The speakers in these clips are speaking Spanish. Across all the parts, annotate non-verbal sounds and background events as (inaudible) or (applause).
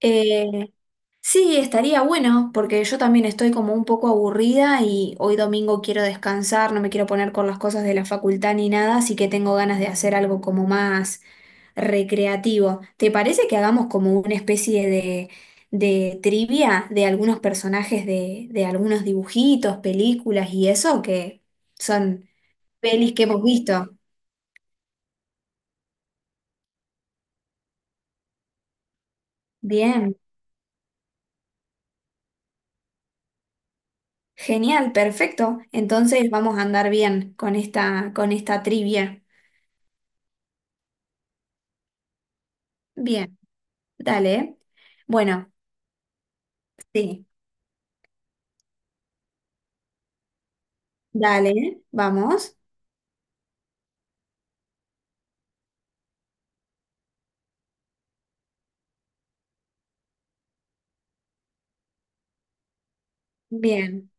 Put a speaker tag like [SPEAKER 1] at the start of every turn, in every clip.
[SPEAKER 1] Eh, sí, estaría bueno, porque yo también estoy como un poco aburrida y hoy domingo quiero descansar, no me quiero poner con las cosas de la facultad ni nada, así que tengo ganas de hacer algo como más recreativo. ¿Te parece que hagamos como una especie de trivia de algunos personajes de algunos dibujitos, películas y eso, que son pelis que hemos visto? Bien, genial, perfecto. Entonces vamos a andar bien con esta trivia. Bien. Dale. Bueno, sí. Dale, vamos. Bien,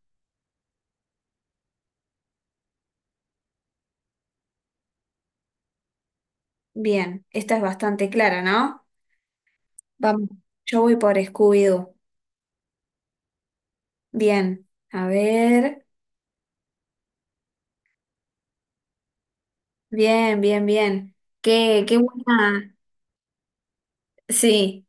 [SPEAKER 1] bien. Esta es bastante clara, ¿no? Vamos. Yo voy por Scooby-Doo. Bien. A ver. Bien, bien, bien. Qué, qué buena. Sí,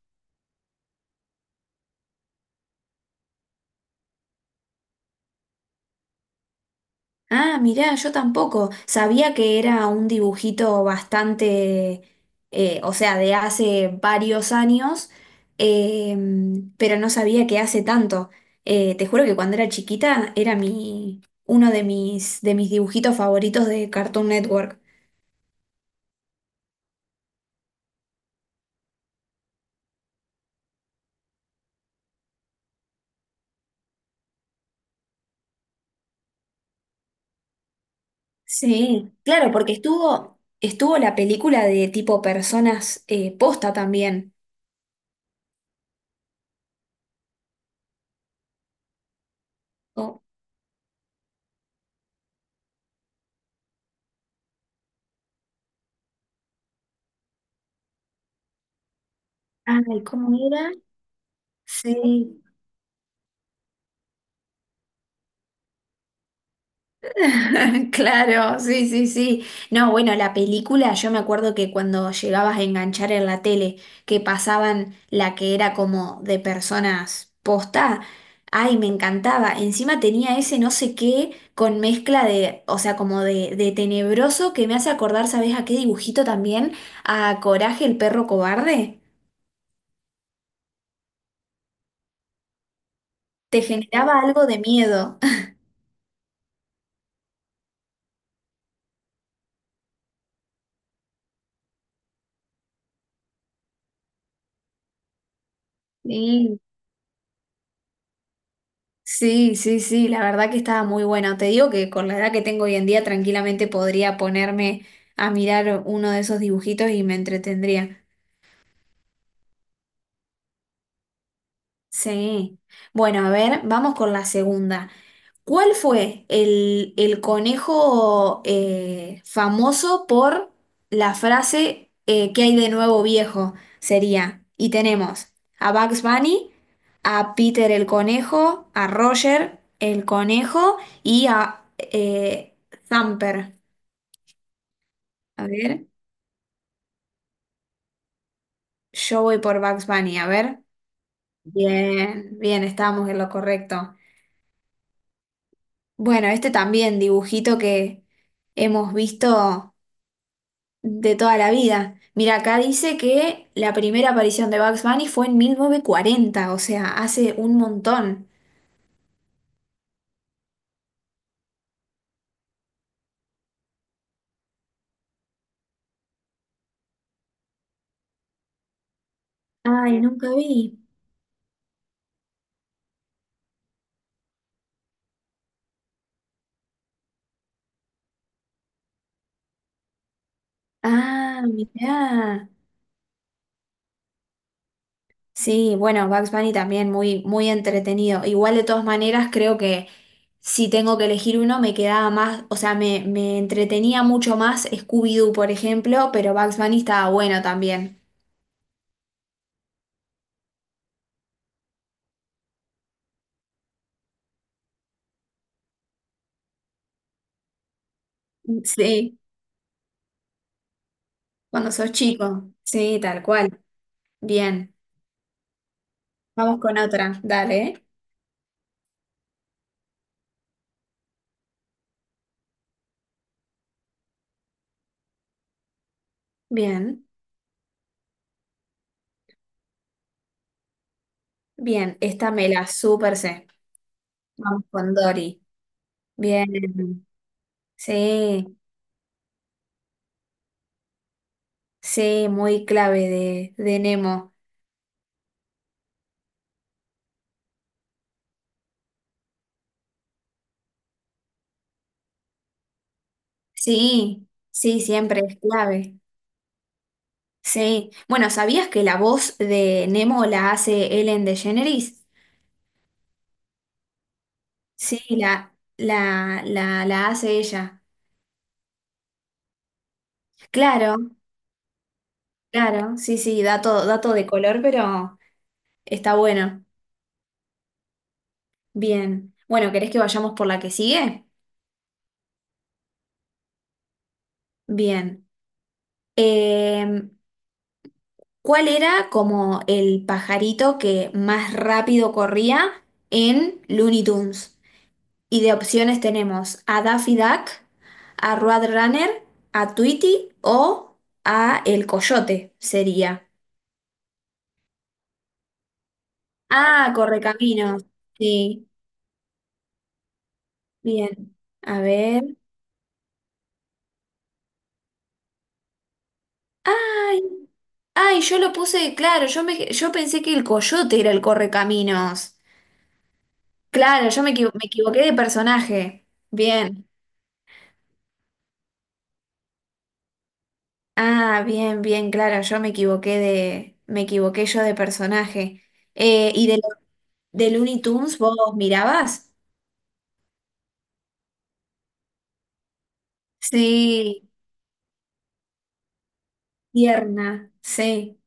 [SPEAKER 1] ah, mirá, yo tampoco. Sabía que era un dibujito bastante, o sea, de hace varios años, pero no sabía que hace tanto. Te juro que cuando era chiquita era mi, uno de mis dibujitos favoritos de Cartoon Network. Sí, claro, porque estuvo, estuvo la película de tipo personas posta también. Oh, ay, ¿cómo era? Sí. (laughs) Claro, sí, sí, sí. No, bueno, la película, yo me acuerdo que cuando llegabas a enganchar en la tele, que pasaban la que era como de personas posta, ay, me encantaba. Encima tenía ese no sé qué con mezcla de, o sea, como de tenebroso que me hace acordar, ¿sabes a qué dibujito también? A Coraje, el perro cobarde. Te generaba algo de miedo. (laughs) Sí. Sí, sí, sí, la verdad que estaba muy bueno. Te digo que con la edad que tengo hoy en día tranquilamente podría ponerme a mirar uno de esos dibujitos y me entretendría. Sí. Bueno, a ver, vamos con la segunda. ¿Cuál fue el conejo famoso por la frase ¿qué hay de nuevo viejo? Sería, y tenemos a Bugs Bunny, a Peter el conejo, a Roger el conejo y a Thumper. A ver, yo voy por Bugs Bunny, a ver. Bien, bien, estamos en lo correcto. Bueno, este también dibujito que hemos visto de toda la vida. Mira, acá dice que la primera aparición de Bugs Bunny fue en 1940, o sea, hace un montón. Ay, nunca vi. Ah, mirá. Sí, bueno, Bugs Bunny también muy, muy entretenido. Igual de todas maneras, creo que si tengo que elegir uno, me quedaba más, o sea, me entretenía mucho más Scooby-Doo, por ejemplo, pero Bugs Bunny estaba bueno también. Sí. Cuando sos chico. Sí, tal cual. Bien. Vamos con otra. Dale. Bien. Bien. Esta me la súper sé. Vamos con Dory. Bien. Sí. Sí, muy clave de Nemo. Sí. Sí, siempre es clave. Sí. Bueno, ¿sabías que la voz de Nemo la hace Ellen DeGeneres? Sí, la hace ella. Claro, claro. Sí, sí, dato, dato de color, pero está bueno. Bien. Bueno, ¿querés que vayamos por la que sigue? Bien. Em, ¿Cuál era como el pajarito que más rápido corría en Looney Tunes? Y de opciones tenemos a Daffy Duck, a Roadrunner, a Tweety o a El Coyote sería. Ah, Correcaminos. Sí, bien. A ver. Ay, ay, yo lo puse, claro, yo me, yo pensé que el coyote era el correcaminos. Claro, yo me, equivo- me equivoqué de personaje. Bien. Ah, bien, bien, claro, yo me equivoqué de, me equivoqué yo de personaje. ¿Y de, lo- de Looney Tunes vos mirabas? Sí, tierna, sí.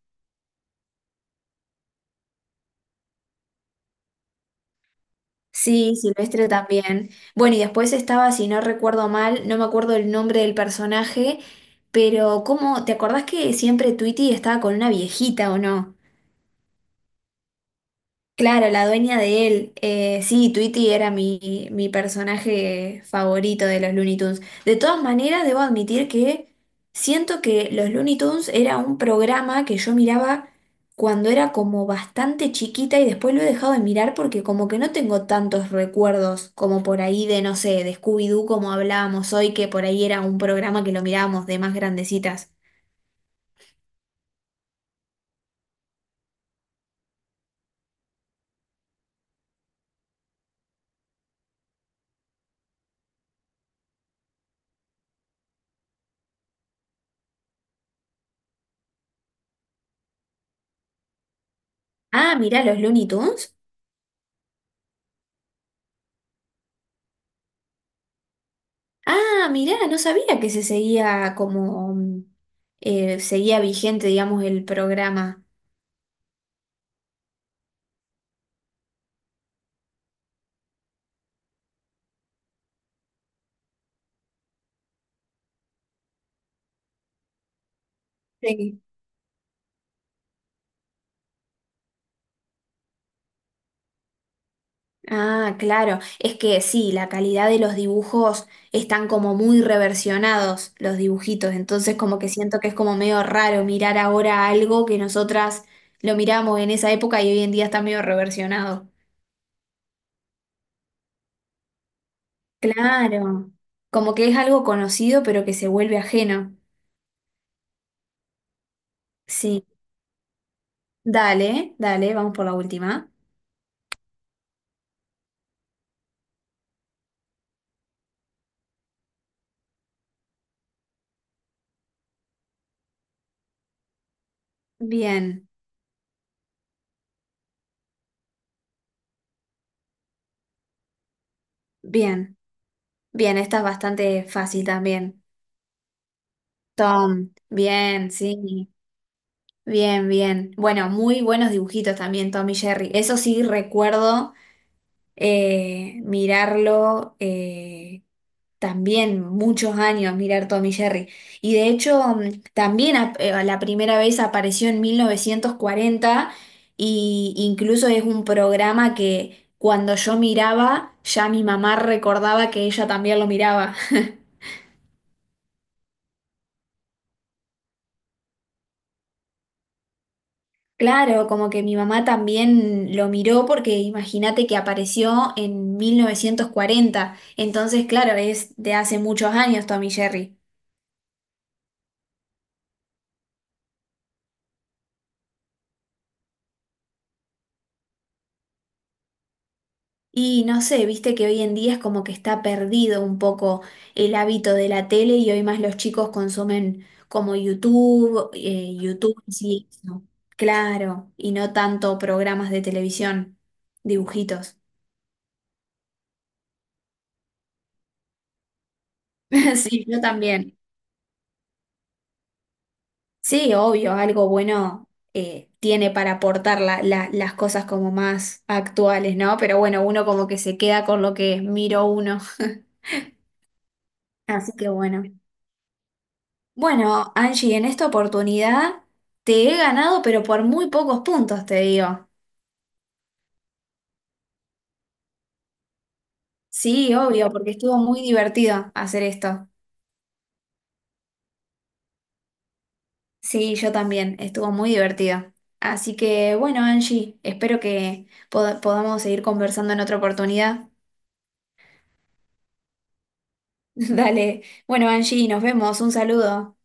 [SPEAKER 1] Sí, Silvestre también. Bueno, y después estaba, si no recuerdo mal, no me acuerdo el nombre del personaje, pero ¿cómo? ¿Te acordás que siempre Tweety estaba con una viejita o no? Claro, la dueña de él. Sí, Tweety era mi, mi personaje favorito de los Looney Tunes. De todas maneras, debo admitir que siento que los Looney Tunes era un programa que yo miraba cuando era como bastante chiquita y después lo he dejado de mirar porque como que no tengo tantos recuerdos como por ahí de, no sé, de Scooby-Doo como hablábamos hoy, que por ahí era un programa que lo mirábamos de más grandecitas. Ah, mirá los Looney Tunes. Ah, mirá, no sabía que se seguía como... seguía vigente, digamos, el programa. Sí. Ah, claro. Es que sí, la calidad de los dibujos están como muy reversionados los dibujitos, entonces como que siento que es como medio raro mirar ahora algo que nosotras lo miramos en esa época y hoy en día está medio reversionado. Claro. Como que es algo conocido pero que se vuelve ajeno. Sí. Dale, dale, vamos por la última. Bien, bien, bien, esta es bastante fácil también. Tom, bien, sí, bien, bien. Bueno, muy buenos dibujitos también, Tom y Jerry. Eso sí recuerdo mirarlo también muchos años, mirar Tom y Jerry. Y de hecho, también la primera vez apareció en 1940 y incluso es un programa que cuando yo miraba, ya mi mamá recordaba que ella también lo miraba. (laughs) Claro, como que mi mamá también lo miró porque imagínate que apareció en 1940, entonces claro, es de hace muchos años Tommy Jerry. Y no sé, viste que hoy en día es como que está perdido un poco el hábito de la tele y hoy más los chicos consumen como YouTube, sí, eso. Claro, y no tanto programas de televisión, dibujitos. (laughs) Sí, yo también. Sí, obvio, algo bueno tiene para aportar las cosas como más actuales, ¿no? Pero bueno, uno como que se queda con lo que miro uno. (laughs) Así que bueno. Bueno, Angie, en esta oportunidad te he ganado, pero por muy pocos puntos, te digo. Sí, obvio, porque estuvo muy divertido hacer esto. Sí, yo también, estuvo muy divertido. Así que bueno, Angie, espero que podamos seguir conversando en otra oportunidad. (laughs) Dale. Bueno, Angie, nos vemos. Un saludo.